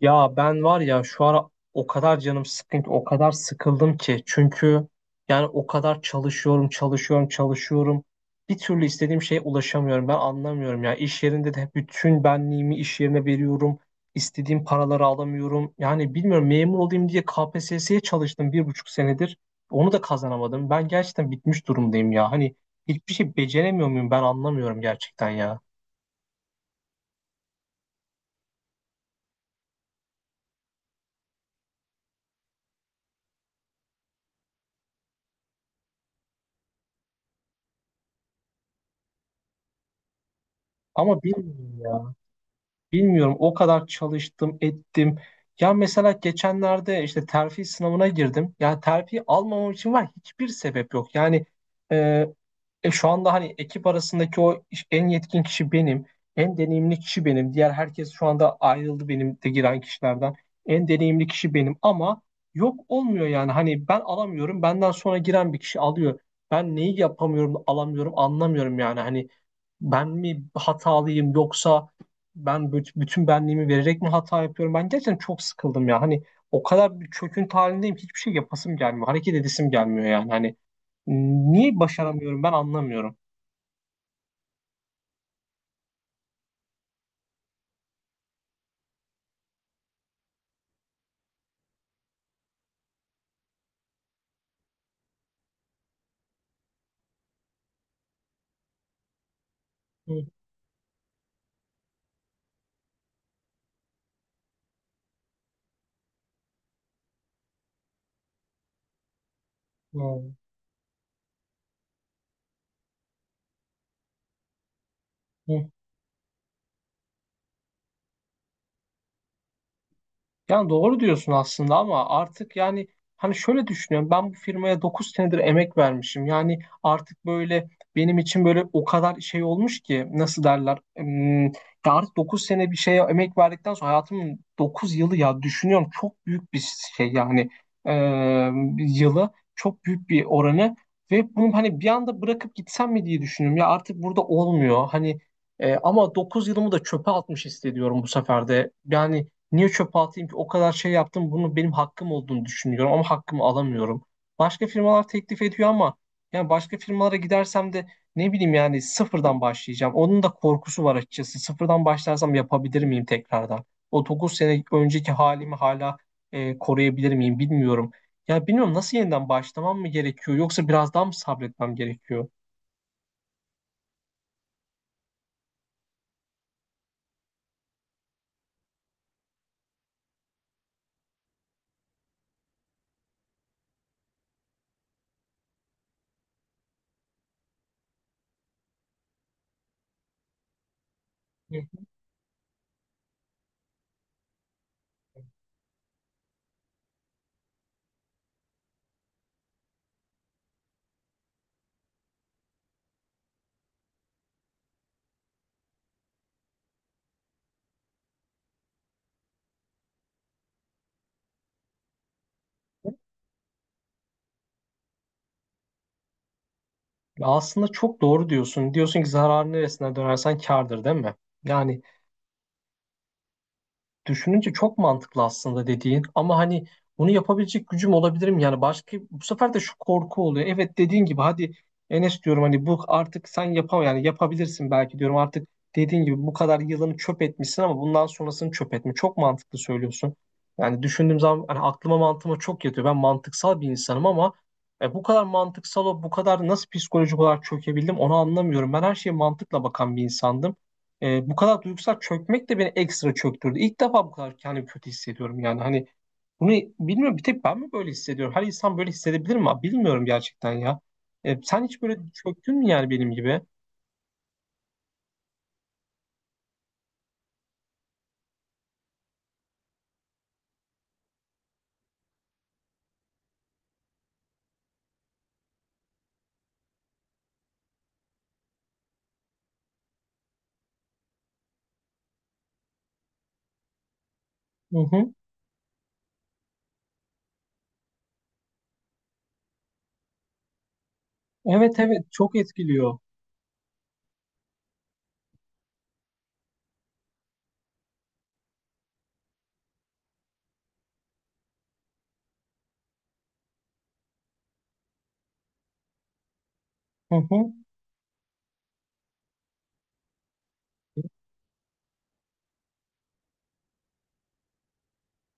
Ya ben var ya şu ara o kadar canım sıkkın ki, o kadar sıkıldım ki. Çünkü yani o kadar çalışıyorum, çalışıyorum, çalışıyorum. Bir türlü istediğim şeye ulaşamıyorum. Ben anlamıyorum ya. İş yerinde de bütün benliğimi iş yerine veriyorum. İstediğim paraları alamıyorum. Yani bilmiyorum memur olayım diye KPSS'ye çalıştım 1,5 senedir. Onu da kazanamadım. Ben gerçekten bitmiş durumdayım ya. Hani hiçbir şey beceremiyor muyum ben anlamıyorum gerçekten ya. Ama bilmiyorum ya. Bilmiyorum, o kadar çalıştım ettim. Ya mesela geçenlerde işte terfi sınavına girdim. Ya terfi almamam için var hiçbir sebep yok. Yani e, şu anda hani ekip arasındaki o en yetkin kişi benim. En deneyimli kişi benim. Diğer herkes şu anda ayrıldı benim de giren kişilerden. En deneyimli kişi benim, ama yok olmuyor yani. Hani ben alamıyorum. Benden sonra giren bir kişi alıyor. Ben neyi yapamıyorum, alamıyorum, anlamıyorum yani. Hani ben mi hatalıyım, yoksa ben bütün benliğimi vererek mi hata yapıyorum? Ben gerçekten çok sıkıldım ya. Hani o kadar bir çöküntü halindeyim ki hiçbir şey yapasım gelmiyor. Hareket edesim gelmiyor yani. Hani niye başaramıyorum ben anlamıyorum. Hı hı. Hı. Yani doğru diyorsun aslında, ama artık yani hani şöyle düşünüyorum, ben bu firmaya 9 senedir emek vermişim. Yani artık böyle benim için böyle o kadar şey olmuş ki, nasıl derler, ya artık 9 sene bir şeye emek verdikten sonra, hayatımın 9 yılı ya, düşünüyorum çok büyük bir şey yani. Ee, yılı, çok büyük bir oranı, ve bunu hani bir anda bırakıp gitsem mi diye düşünüyorum ya. Artık burada olmuyor hani. Ama 9 yılımı da çöpe atmış hissediyorum bu sefer de yani. Niye çöpe atayım ki? O kadar şey yaptım. Bunu benim hakkım olduğunu düşünüyorum, ama hakkımı alamıyorum. Başka firmalar teklif ediyor, ama yani başka firmalara gidersem de ne bileyim, yani sıfırdan başlayacağım. Onun da korkusu var açıkçası. Sıfırdan başlarsam yapabilir miyim tekrardan? O 9 sene önceki halimi hala koruyabilir miyim bilmiyorum. Ya bilmiyorum, nasıl yeniden başlamam mı gerekiyor, yoksa biraz daha mı sabretmem gerekiyor? Hı. Ya, aslında çok doğru diyorsun. Diyorsun ki, zararın neresine dönersen kârdır, değil mi? Yani düşününce çok mantıklı aslında dediğin, ama hani bunu yapabilecek gücüm olabilir mi? Yani başka bu sefer de şu korku oluyor. Evet, dediğin gibi, hadi Enes diyorum hani, bu artık sen yani yapabilirsin belki diyorum artık. Dediğin gibi bu kadar yılını çöp etmişsin, ama bundan sonrasını çöp etme. Çok mantıklı söylüyorsun. Yani düşündüğüm zaman hani aklıma, mantığıma çok yatıyor. Ben mantıksal bir insanım, ama bu kadar mantıksal o, bu kadar nasıl psikolojik olarak çökebildim onu anlamıyorum. Ben her şeye mantıkla bakan bir insandım. Bu kadar duygusal çökmek de beni ekstra çöktürdü. İlk defa bu kadar kendimi kötü hissediyorum yani. Hani bunu bilmiyorum, bir tek ben mi böyle hissediyorum? Her insan böyle hissedebilir mi? Bilmiyorum gerçekten ya. Sen hiç böyle çöktün mü yani, benim gibi? Hı hı. Evet evet, çok etkiliyor. Hı hı.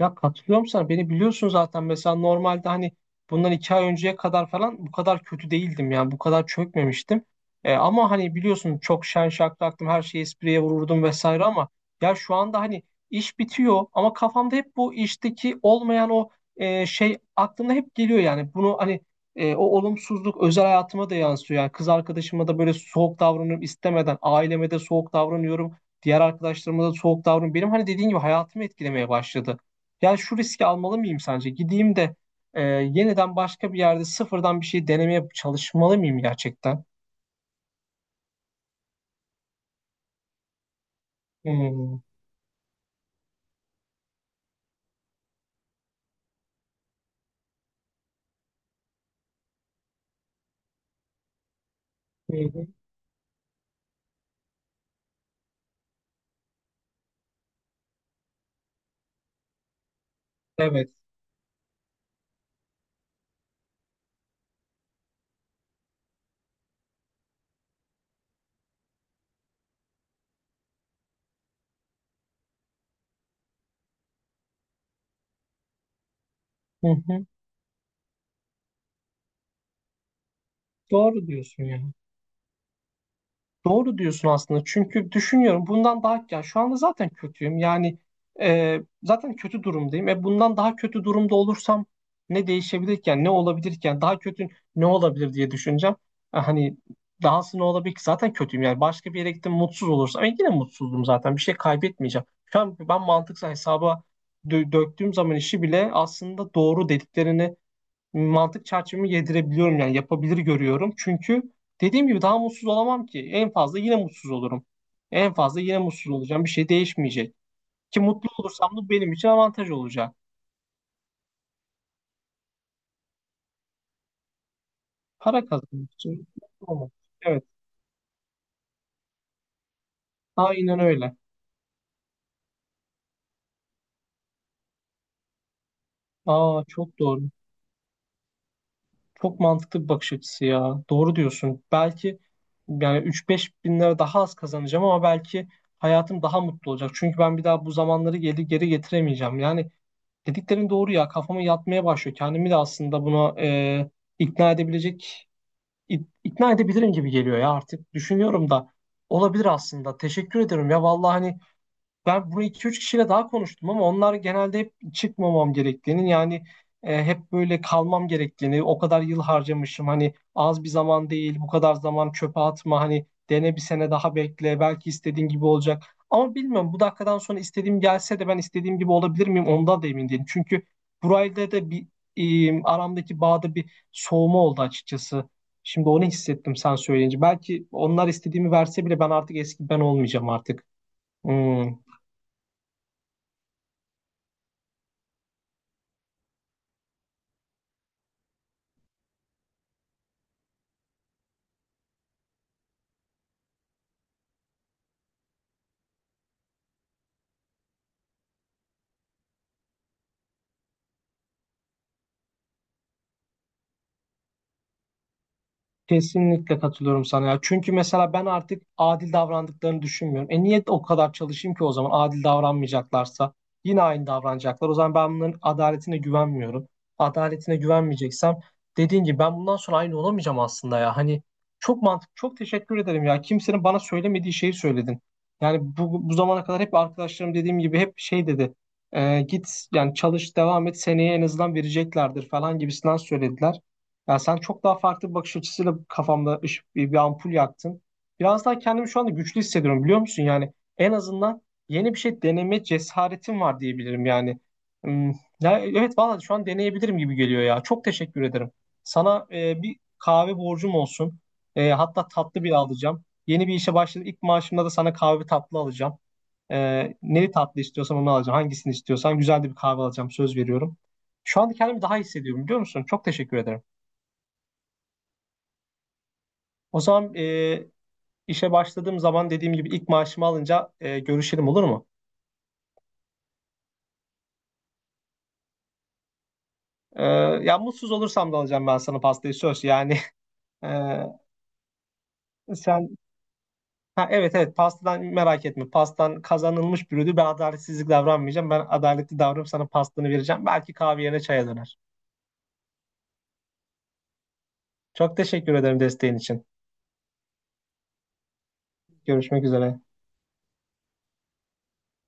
Ya, katılıyorum sana. Beni biliyorsun zaten. Mesela normalde hani bundan 2 ay önceye kadar falan bu kadar kötü değildim yani. Bu kadar çökmemiştim. Ama hani biliyorsun, çok şen şakraktım. Her şeyi espriye vururdum vesaire, ama ya şu anda hani iş bitiyor, ama kafamda hep bu işteki olmayan o şey aklımda hep geliyor yani. Bunu hani o olumsuzluk özel hayatıma da yansıyor. Yani kız arkadaşıma da böyle soğuk davranıyorum istemeden. Aileme de soğuk davranıyorum. Diğer arkadaşlarıma da soğuk davranıyorum. Benim hani dediğin gibi hayatımı etkilemeye başladı. Yani şu riski almalı mıyım sence? Gideyim de yeniden başka bir yerde sıfırdan bir şey denemeye çalışmalı mıyım gerçekten? Hmm. Hı hı. Evet. Hı hı, doğru diyorsun ya. Doğru diyorsun aslında. Çünkü düşünüyorum, bundan daha, ya şu anda zaten kötüyüm. Yani zaten kötü durumdayım. Bundan daha kötü durumda olursam ne değişebilirken, ne olabilirken, daha kötü ne olabilir diye düşüneceğim. Hani dahası ne olabilir ki? Zaten kötüyüm. Yani başka bir yere gittim, mutsuz olursam yine mutsuzdum zaten. Bir şey kaybetmeyeceğim. Şu an ben mantıksal hesaba döktüğüm zaman, işi bile aslında doğru dediklerini mantık çerçevemi yedirebiliyorum yani, yapabilir görüyorum. Çünkü dediğim gibi daha mutsuz olamam ki. En fazla yine mutsuz olurum. En fazla yine mutsuz olacağım. Bir şey değişmeyecek. Ki mutlu olursam da benim için avantaj olacak. Para kazanmak için, mutlu olmak. Evet. Aynen öyle. Aa, çok doğru. Çok mantıklı bir bakış açısı ya. Doğru diyorsun. Belki yani 3-5 bin lira daha az kazanacağım, ama belki hayatım daha mutlu olacak. Çünkü ben bir daha bu zamanları geri geri getiremeyeceğim. Yani dediklerin doğru ya, kafama yatmaya başlıyor. Kendimi de aslında buna ikna edebilecek, ikna edebilirim gibi geliyor ya artık. Düşünüyorum da olabilir aslında. Teşekkür ederim ya vallahi. Hani ben bunu iki üç kişiyle daha konuştum, ama onlar genelde hep çıkmamam gerektiğini, yani hep böyle kalmam gerektiğini, o kadar yıl harcamışım hani, az bir zaman değil, bu kadar zaman çöpe atma hani, dene, bir sene daha bekle, belki istediğin gibi olacak. Ama bilmiyorum, bu dakikadan sonra istediğim gelse de ben istediğim gibi olabilir miyim ondan da emin değilim. Çünkü burayla da bir, aramdaki bağda bir soğuma oldu açıkçası. Şimdi onu hissettim sen söyleyince. Belki onlar istediğimi verse bile, ben artık eski ben olmayacağım artık. Hmm. Kesinlikle katılıyorum sana ya. Çünkü mesela ben artık adil davrandıklarını düşünmüyorum. E niye o kadar çalışayım ki, o zaman adil davranmayacaklarsa yine aynı davranacaklar. O zaman ben bunların adaletine güvenmiyorum. Adaletine güvenmeyeceksem, dediğin gibi ben bundan sonra aynı olamayacağım aslında ya. Hani çok mantıklı. Çok teşekkür ederim ya. Kimsenin bana söylemediği şeyi söyledin. Yani Bu zamana kadar hep arkadaşlarım, dediğim gibi hep şey dedi. Git yani, çalış, devam et, seneye en azından vereceklerdir falan gibisinden söylediler. Yani sen çok daha farklı bir bakış açısıyla kafamda ışık, bir ampul yaktın. Biraz daha kendimi şu anda güçlü hissediyorum, biliyor musun? Yani en azından yeni bir şey deneme cesaretim var diyebilirim yani. Hmm. Ya, evet vallahi, şu an deneyebilirim gibi geliyor ya. Çok teşekkür ederim. Sana bir kahve borcum olsun. Hatta tatlı bile alacağım. Yeni bir işe başladım. İlk maaşımda da sana kahve, tatlı alacağım. E, neli tatlı istiyorsan onu alacağım. Hangisini istiyorsan, güzel de bir kahve alacağım. Söz veriyorum. Şu anda kendimi daha iyi hissediyorum, biliyor musun? Çok teşekkür ederim. O zaman işe başladığım zaman, dediğim gibi ilk maaşımı alınca görüşelim, olur mu? E, ya mutsuz olursam da alacağım ben sana pastayı, söz. Yani e, sen ha, evet evet, pastadan merak etme. Pastan kazanılmış bir ödül. Ben adaletsizlik davranmayacağım. Ben adaletli davranıp sana pastanı vereceğim. Belki kahve yerine çaya döner. Çok teşekkür ederim desteğin için. Görüşmek üzere.